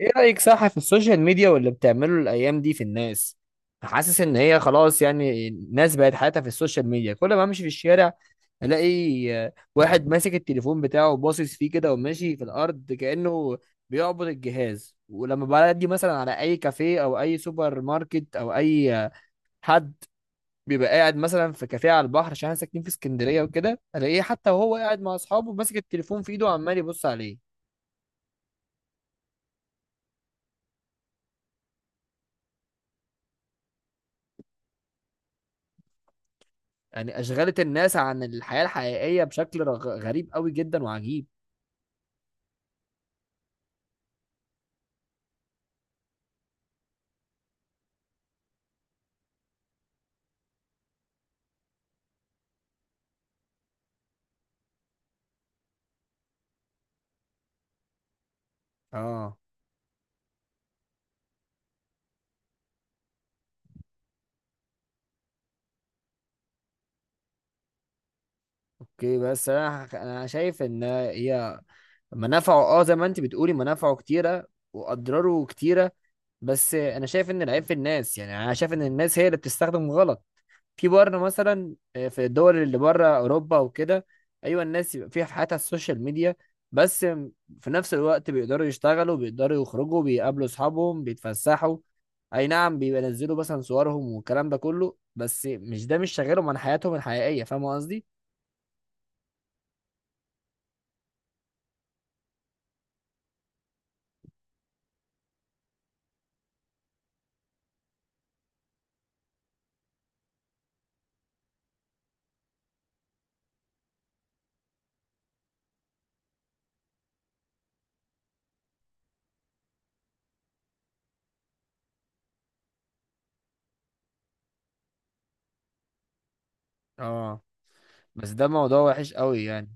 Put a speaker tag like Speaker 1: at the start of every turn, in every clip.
Speaker 1: ايه رأيك؟ صح، في السوشيال ميديا واللي بتعمله الايام دي في الناس. حاسس ان هي خلاص، يعني الناس بقت حياتها في السوشيال ميديا. كل ما امشي في الشارع الاقي واحد ماسك التليفون بتاعه باصص فيه كده وماشي في الارض كأنه بيعبد الجهاز. ولما بعدي مثلا على اي كافيه او اي سوبر ماركت او اي حد بيبقى قاعد مثلا في كافيه على البحر، عشان احنا ساكنين في اسكندرية وكده، الاقيه حتى وهو قاعد مع اصحابه ماسك التليفون في ايده وعمال يبص عليه. يعني أشغلت الناس عن الحياة الحقيقية بشكل غريب قوي جدا وعجيب. اه، اوكي. بس انا انا شايف ان هي منافعه. اه زي ما انت بتقولي، منافعه كتيرة واضراره كتيرة. بس انا شايف ان العيب في الناس. يعني انا شايف ان الناس هي اللي بتستخدم غلط. في بره مثلا، في الدول اللي بره، اوروبا وكده، ايوه الناس يبقى فيها في حياتها السوشيال ميديا، بس في نفس الوقت بيقدروا يشتغلوا، بيقدروا يخرجوا، بيقابلوا اصحابهم، بيتفسحوا. اي نعم بيبقى ينزلوا مثلا صورهم والكلام ده كله، بس مش ده، مش شغالهم عن حياتهم الحقيقية. فاهم قصدي؟ اه، بس ده موضوع وحش قوي يعني.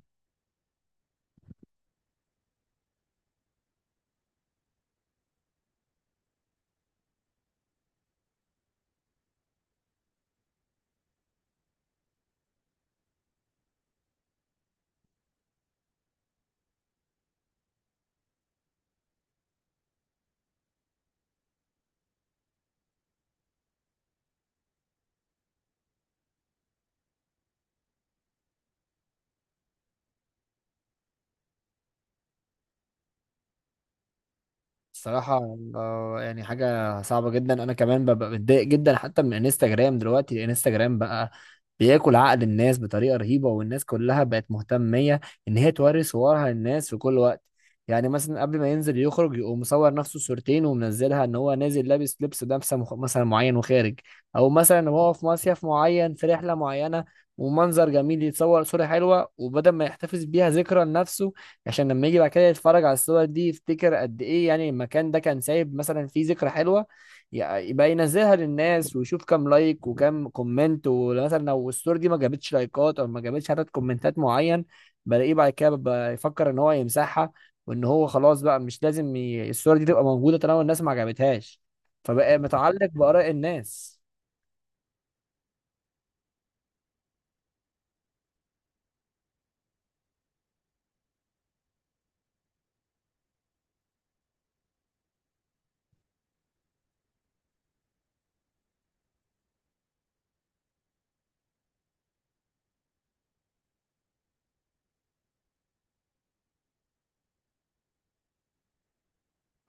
Speaker 1: الصراحة يعني حاجة صعبة جدا. أنا كمان ببقى متضايق جدا حتى من انستجرام. دلوقتي انستجرام بقى بياكل عقل الناس بطريقة رهيبة، والناس كلها بقت مهتمية إن هي توري صورها للناس في كل وقت. يعني مثلا قبل ما ينزل يخرج، يقوم مصور نفسه صورتين ومنزلها إن هو نازل لابس لبس لابسة مثلا معين وخارج، أو مثلا وهو في مصيف معين في رحلة معينة ومنظر جميل، يتصور صورة حلوة. وبدل ما يحتفظ بيها ذكرى لنفسه، عشان لما يجي بعد كده يتفرج على الصور دي يفتكر قد ايه يعني المكان ده كان سايب مثلا فيه ذكرى حلوة، يبقى ينزلها للناس ويشوف كام لايك وكام كومنت. ومثلا لو الصورة دي ما جابتش لايكات او ما جابتش عدد كومنتات معين، بلاقيه بعد كده بيبقى يفكر ان هو يمسحها، وان هو خلاص بقى مش لازم الصورة دي تبقى موجودة طالما الناس ما عجبتهاش. فبقى متعلق بآراء الناس.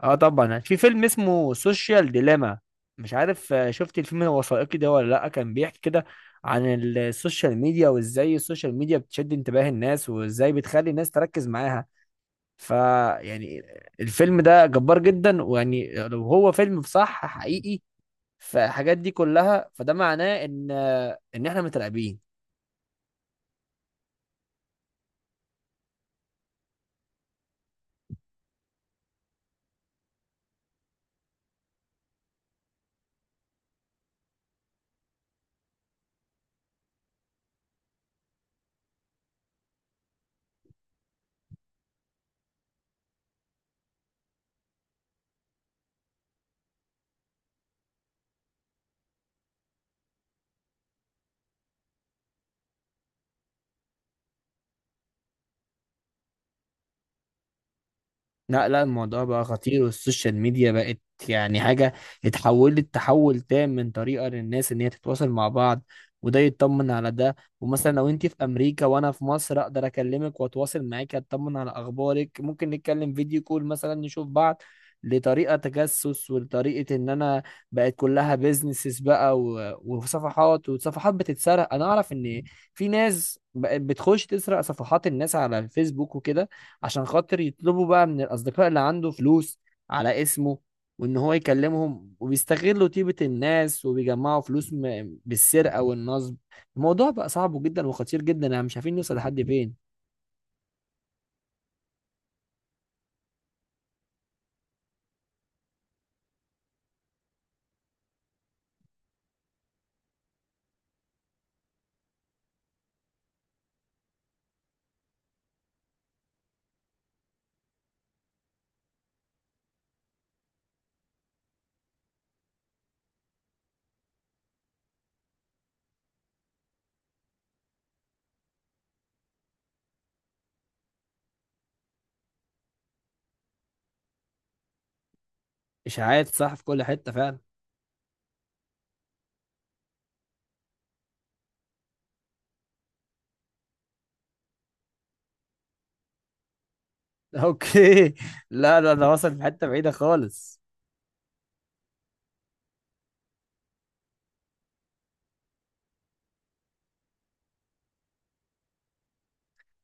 Speaker 1: اه طبعا، في فيلم اسمه سوشيال ديليما، مش عارف شفت الفيلم الوثائقي ده ولا لا؟ كان بيحكي كده عن السوشيال ميديا وازاي السوشيال ميديا بتشد انتباه الناس، وازاي بتخلي الناس تركز معاها. فيعني الفيلم ده جبار جدا. ويعني لو هو فيلم صح حقيقي فالحاجات دي كلها، فده معناه ان ان احنا متراقبين. لا لا، الموضوع بقى خطير، والسوشيال ميديا بقت يعني حاجة اتحولت تحول تام من طريقة للناس ان هي تتواصل مع بعض، وده يطمن على ده، ومثلا لو انت في امريكا وانا في مصر اقدر اكلمك واتواصل معاك، اطمن على اخبارك، ممكن نتكلم فيديو كول مثلا نشوف بعض، لطريقة تجسس ولطريقة ان انا بقت كلها بيزنسز بقى وصفحات، وصفحات بتتسرق. انا اعرف ان في ناس بقت بتخش تسرق صفحات الناس على الفيسبوك وكده، عشان خاطر يطلبوا بقى من الأصدقاء اللي عنده فلوس على اسمه، وإن هو يكلمهم، وبيستغلوا طيبة الناس وبيجمعوا فلوس بالسرقة والنصب. الموضوع بقى صعب جدا وخطير جدا، يعني مش عارفين نوصل لحد فين. إشاعات، صح، في كل حتة فعلا. أوكي، لا لا، ده وصل في حتة بعيدة خالص.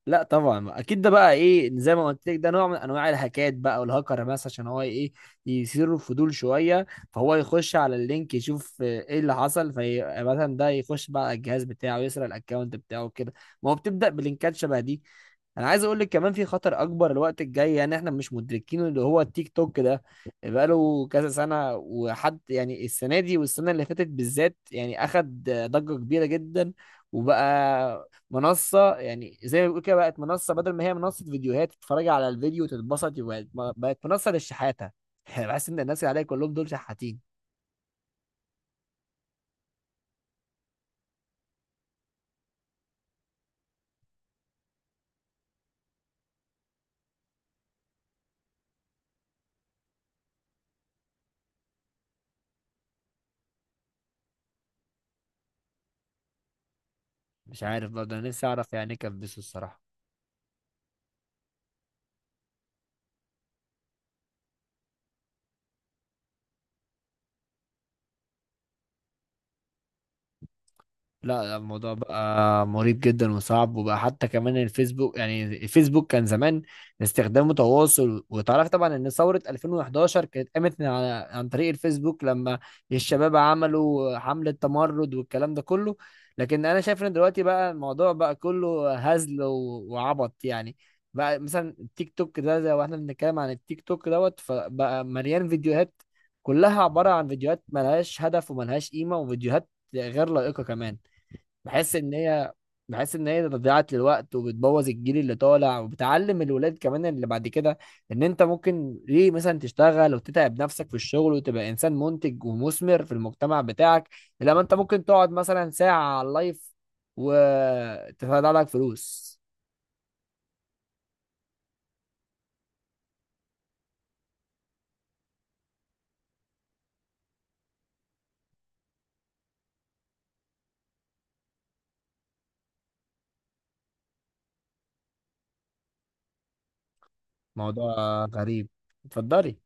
Speaker 1: لا طبعا، ما اكيد ده بقى ايه زي ما قلت لك، ده نوع من انواع الهاكات بقى، والهاكر مثلا عشان هو ايه، يثير الفضول شويه، فهو يخش على اللينك يشوف ايه اللي حصل في مثلا ده، يخش بقى على الجهاز بتاعه، يسرق الاكونت بتاعه كده. ما هو بتبدا بلينكات شبه دي. انا عايز اقول لك كمان، في خطر اكبر الوقت الجاي يعني احنا مش مدركينه، اللي هو التيك توك ده. بقاله كذا سنه، وحد يعني السنه دي والسنه اللي فاتت بالذات يعني اخد ضجه كبيره جدا، وبقى منصة. يعني زي ما بيقول كده، بقت منصة، بدل ما هي منصة فيديوهات تتفرج على الفيديو وتتبسط، بقت، بقت منصة للشحاتة. بحس ان الناس اللي عليها كلهم دول شحاتين. مش عارف برضه، انا نفسي اعرف يعني ايه كان بيسو الصراحة. لا الموضوع بقى مريب جدا وصعب. وبقى حتى كمان الفيسبوك، يعني الفيسبوك كان زمان استخدامه تواصل. وتعرف طبعا ان ثورة 2011 كانت قامت من على عن طريق الفيسبوك، لما الشباب عملوا حملة تمرد والكلام ده كله. لكن انا شايف ان دلوقتي بقى الموضوع بقى كله هزل وعبط يعني. بقى مثلا التيك توك ده، زي واحنا بنتكلم عن التيك توك دوت، فبقى مليان فيديوهات كلها عبارة عن فيديوهات ملهاش هدف وملهاش قيمة، وفيديوهات غير لائقة كمان. بحس ان هي بحس ان هي ضيعت للوقت، وبتبوظ الجيل اللي طالع، وبتعلم الولاد كمان اللي بعد كده ان انت ممكن ليه مثلا تشتغل وتتعب نفسك في الشغل وتبقى انسان منتج ومثمر في المجتمع بتاعك، لما انت ممكن تقعد مثلا ساعة على اللايف وتطلع لك فلوس. موضوع غريب. اتفضلي.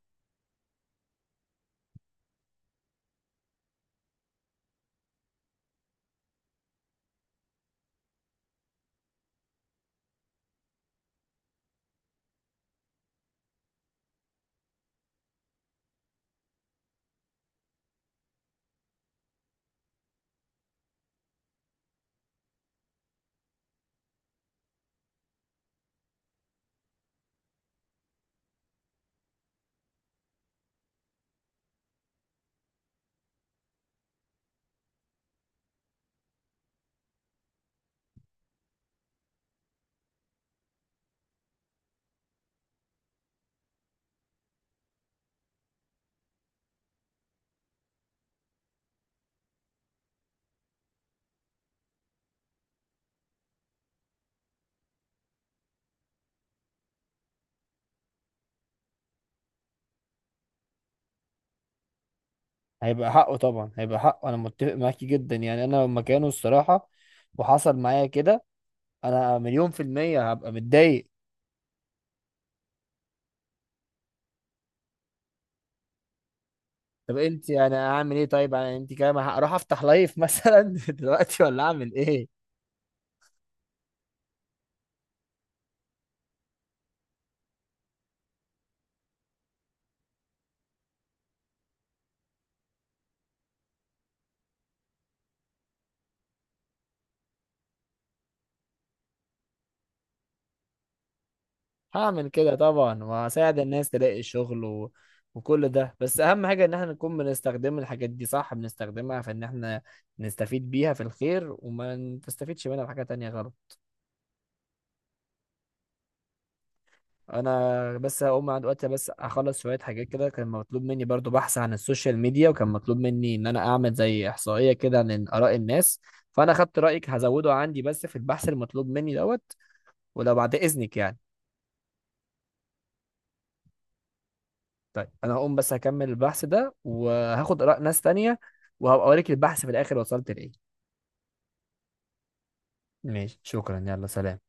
Speaker 1: هيبقى حقه طبعا، هيبقى حقه، انا متفق معاكي جدا. يعني انا لو مكانه الصراحة وحصل معايا كده، انا مليون في المية هبقى متضايق. طب انت انا اعمل ايه؟ طيب انا انت كده ما هروح افتح لايف مثلا دلوقتي؟ ولا اعمل ايه؟ هعمل كده طبعا، وهساعد الناس تلاقي شغل و... وكل ده. بس اهم حاجة ان احنا نكون بنستخدم الحاجات دي صح، بنستخدمها في ان احنا نستفيد بيها في الخير، وما نستفيدش منها في حاجة تانية غلط. انا بس هقوم عند وقتي، بس اخلص شوية حاجات كده، كان مطلوب مني برضو بحث عن السوشيال ميديا، وكان مطلوب مني ان انا اعمل زي احصائية كده عن اراء الناس، فانا خدت رايك هزوده عندي بس في البحث المطلوب مني دوت. ولو بعد إذنك يعني. طيب أنا هقوم، بس هكمل البحث ده وهاخد آراء ناس تانية، وهبقى أوريك البحث في الآخر وصلت لإيه. ماشي، شكرا، يلا سلام.